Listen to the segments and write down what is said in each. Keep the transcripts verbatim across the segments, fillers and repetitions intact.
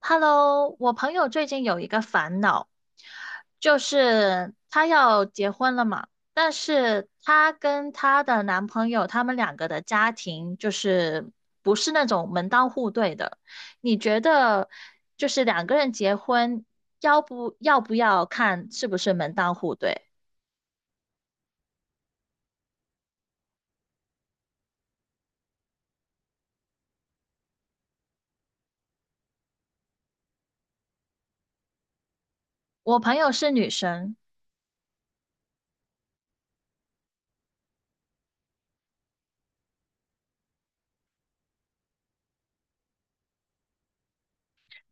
Hello，我朋友最近有一个烦恼，就是她要结婚了嘛，但是她跟她的男朋友，他们两个的家庭就是不是那种门当户对的。你觉得就是两个人结婚，要不要不要看是不是门当户对？我朋友是女生，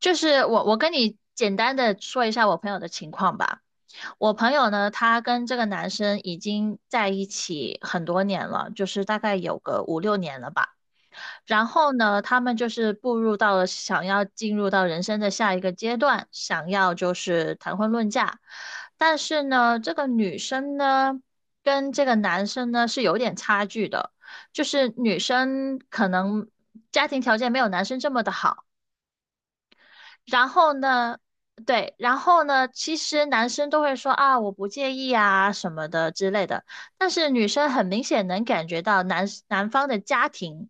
就是我我跟你简单的说一下我朋友的情况吧。我朋友呢，他跟这个男生已经在一起很多年了，就是大概有个五六年了吧。然后呢，他们就是步入到了想要进入到人生的下一个阶段，想要就是谈婚论嫁。但是呢，这个女生呢，跟这个男生呢是有点差距的，就是女生可能家庭条件没有男生这么的好。然后呢，对，然后呢，其实男生都会说啊，我不介意啊什么的之类的，但是女生很明显能感觉到男男方的家庭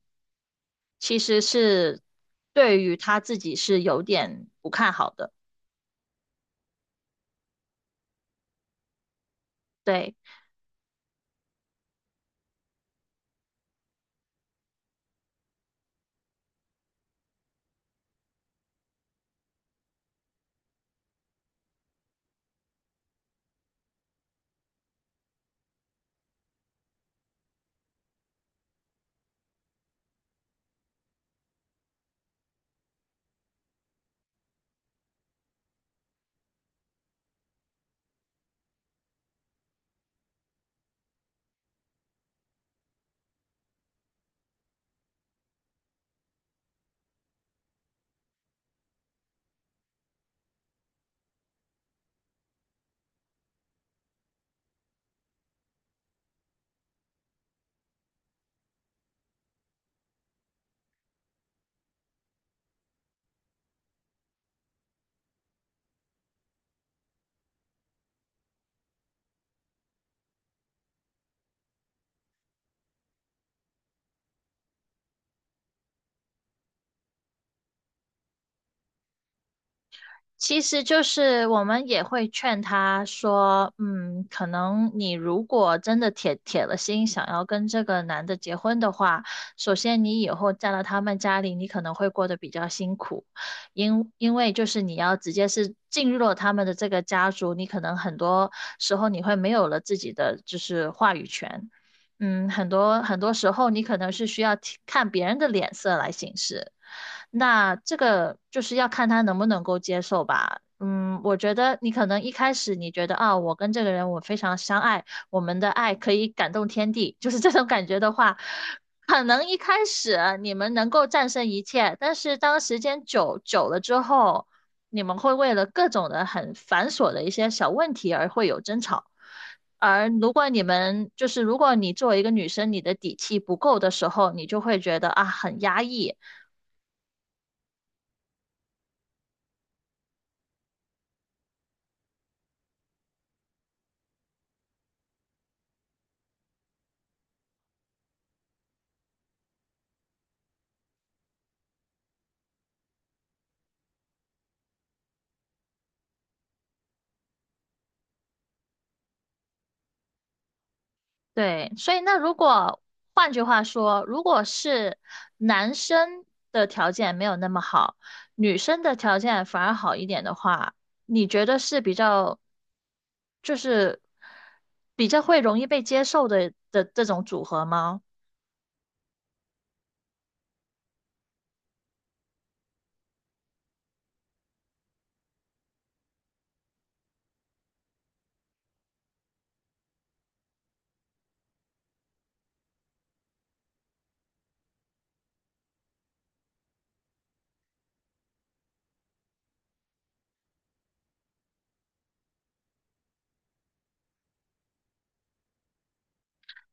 其实是对于他自己是有点不看好的。对，其实就是我们也会劝他说，嗯，可能你如果真的铁铁了心想要跟这个男的结婚的话，首先你以后嫁到他们家里，你可能会过得比较辛苦，因因为就是你要直接是进入了他们的这个家族，你可能很多时候你会没有了自己的就是话语权，嗯，很多很多时候你可能是需要提看别人的脸色来行事，那这个就是要看他能不能够接受吧。嗯，我觉得你可能一开始你觉得啊，我跟这个人我非常相爱，我们的爱可以感动天地，就是这种感觉的话，可能一开始你们能够战胜一切，但是当时间久久了之后，你们会为了各种的很繁琐的一些小问题而会有争吵。而如果你们就是如果你作为一个女生，你的底气不够的时候，你就会觉得啊很压抑。对，所以那如果换句话说，如果是男生的条件没有那么好，女生的条件反而好一点的话，你觉得是比较就是比较会容易被接受的的这种组合吗？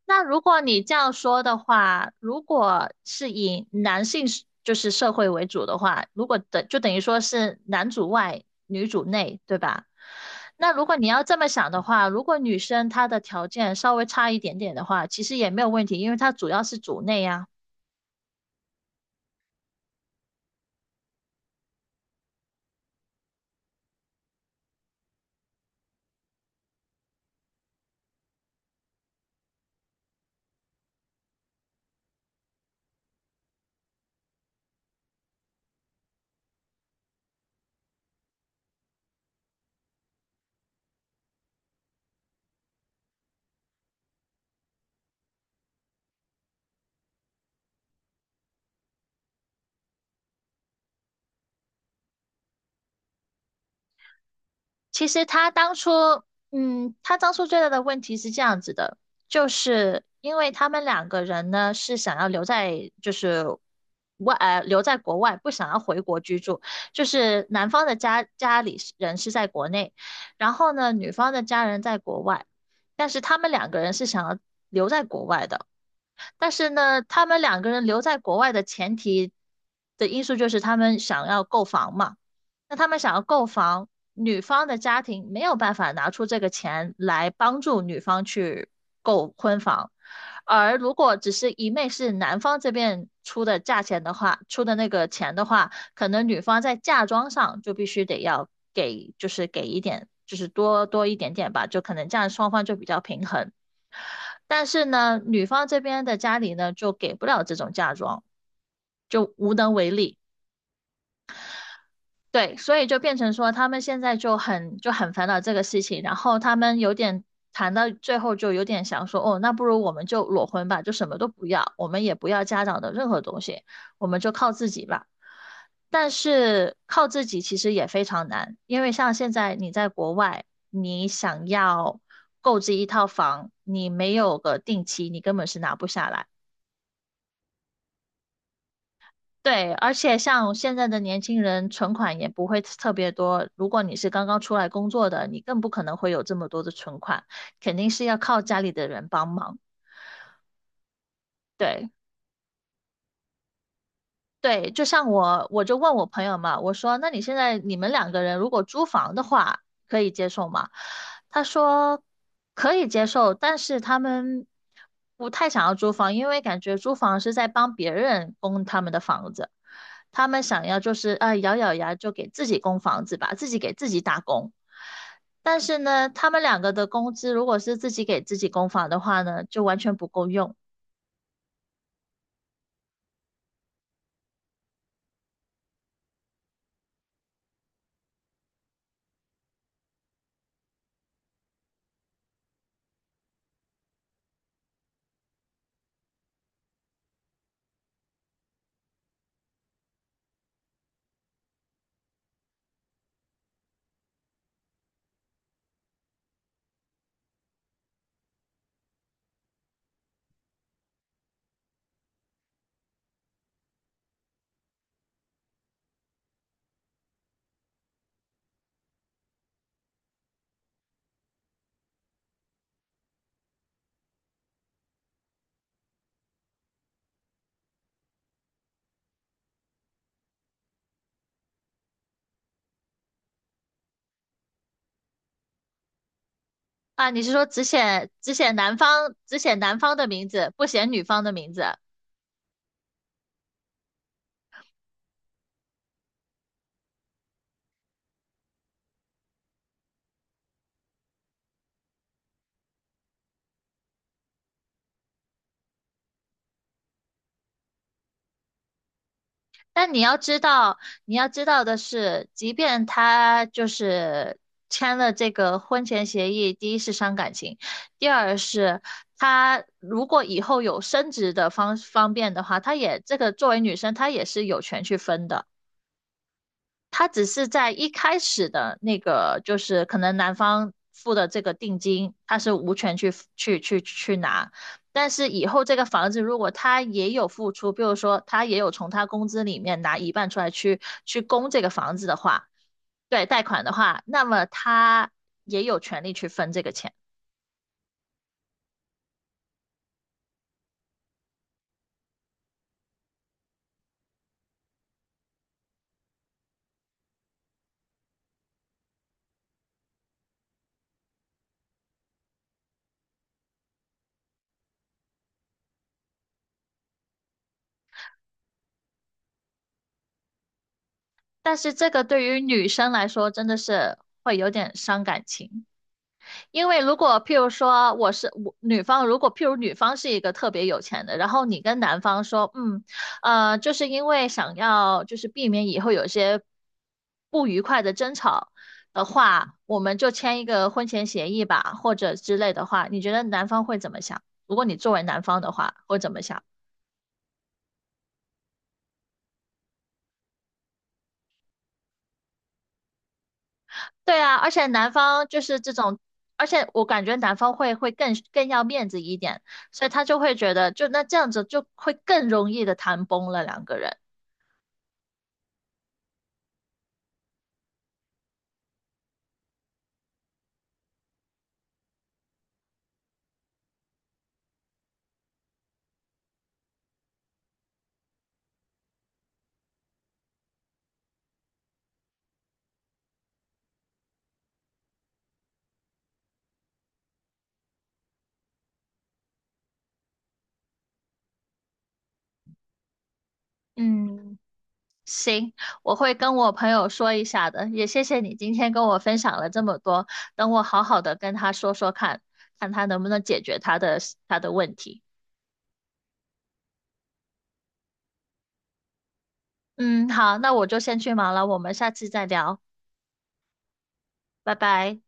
那如果你这样说的话，如果是以男性是就是社会为主的话，如果等就等于说是男主外女主内，对吧？那如果你要这么想的话，如果女生她的条件稍微差一点点的话，其实也没有问题，因为她主要是主内呀。其实他当初，嗯，他当初最大的问题是这样子的，就是因为他们两个人呢是想要留在，就是外，呃，留在国外，不想要回国居住。就是男方的家家里是人是在国内，然后呢，女方的家人在国外，但是他们两个人是想要留在国外的。但是呢，他们两个人留在国外的前提的因素就是他们想要购房嘛。那他们想要购房，女方的家庭没有办法拿出这个钱来帮助女方去购婚房，而如果只是一昧是男方这边出的价钱的话，出的那个钱的话，可能女方在嫁妆上就必须得要给，就是给一点。就是多多一点点吧，就可能这样双方就比较平衡。但是呢，女方这边的家里呢，就给不了这种嫁妆，就无能为力。对，所以就变成说他们现在就很就很烦恼这个事情，然后他们有点谈到最后就有点想说，哦，那不如我们就裸婚吧，就什么都不要，我们也不要家长的任何东西，我们就靠自己吧。但是靠自己其实也非常难，因为像现在你在国外，你想要购置一套房，你没有个定期，你根本是拿不下来。对，而且像现在的年轻人，存款也不会特别多。如果你是刚刚出来工作的，你更不可能会有这么多的存款，肯定是要靠家里的人帮忙。对。对，就像我，我就问我朋友嘛，我说，那你现在你们两个人如果租房的话，可以接受吗？他说可以接受，但是他们不太想要租房，因为感觉租房是在帮别人供他们的房子，他们想要就是啊、咬咬牙就给自己供房子吧，自己给自己打工。但是呢，他们两个的工资如果是自己给自己供房的话呢，就完全不够用。啊，你是说只写只写男方只写男方的名字，不写女方的名字？但你要知道，你要知道的是，即便他就是签了这个婚前协议，第一是伤感情，第二是他如果以后有升职的方方便的话，他也这个作为女生，她也是有权去分的。他只是在一开始的那个，就是可能男方付的这个定金，他是无权去去去去拿。但是以后这个房子如果他也有付出，比如说他也有从他工资里面拿一半出来去去供这个房子的话，对，贷款的话，那么他也有权利去分这个钱。但是这个对于女生来说真的是会有点伤感情。因为如果譬如说我是我女方，如果譬如女方是一个特别有钱的，然后你跟男方说，嗯，呃，就是因为想要就是避免以后有些不愉快的争吵的话，我们就签一个婚前协议吧，或者之类的话，你觉得男方会怎么想？如果你作为男方的话，会怎么想？对啊，而且男方就是这种，而且我感觉男方会会更更要面子一点，所以他就会觉得，就那这样子就会更容易的谈崩了两个人。嗯，行，我会跟我朋友说一下的，也谢谢你今天跟我分享了这么多，等我好好的跟他说说看，看他能不能解决他的他的问题。嗯，好，那我就先去忙了，我们下次再聊，拜拜。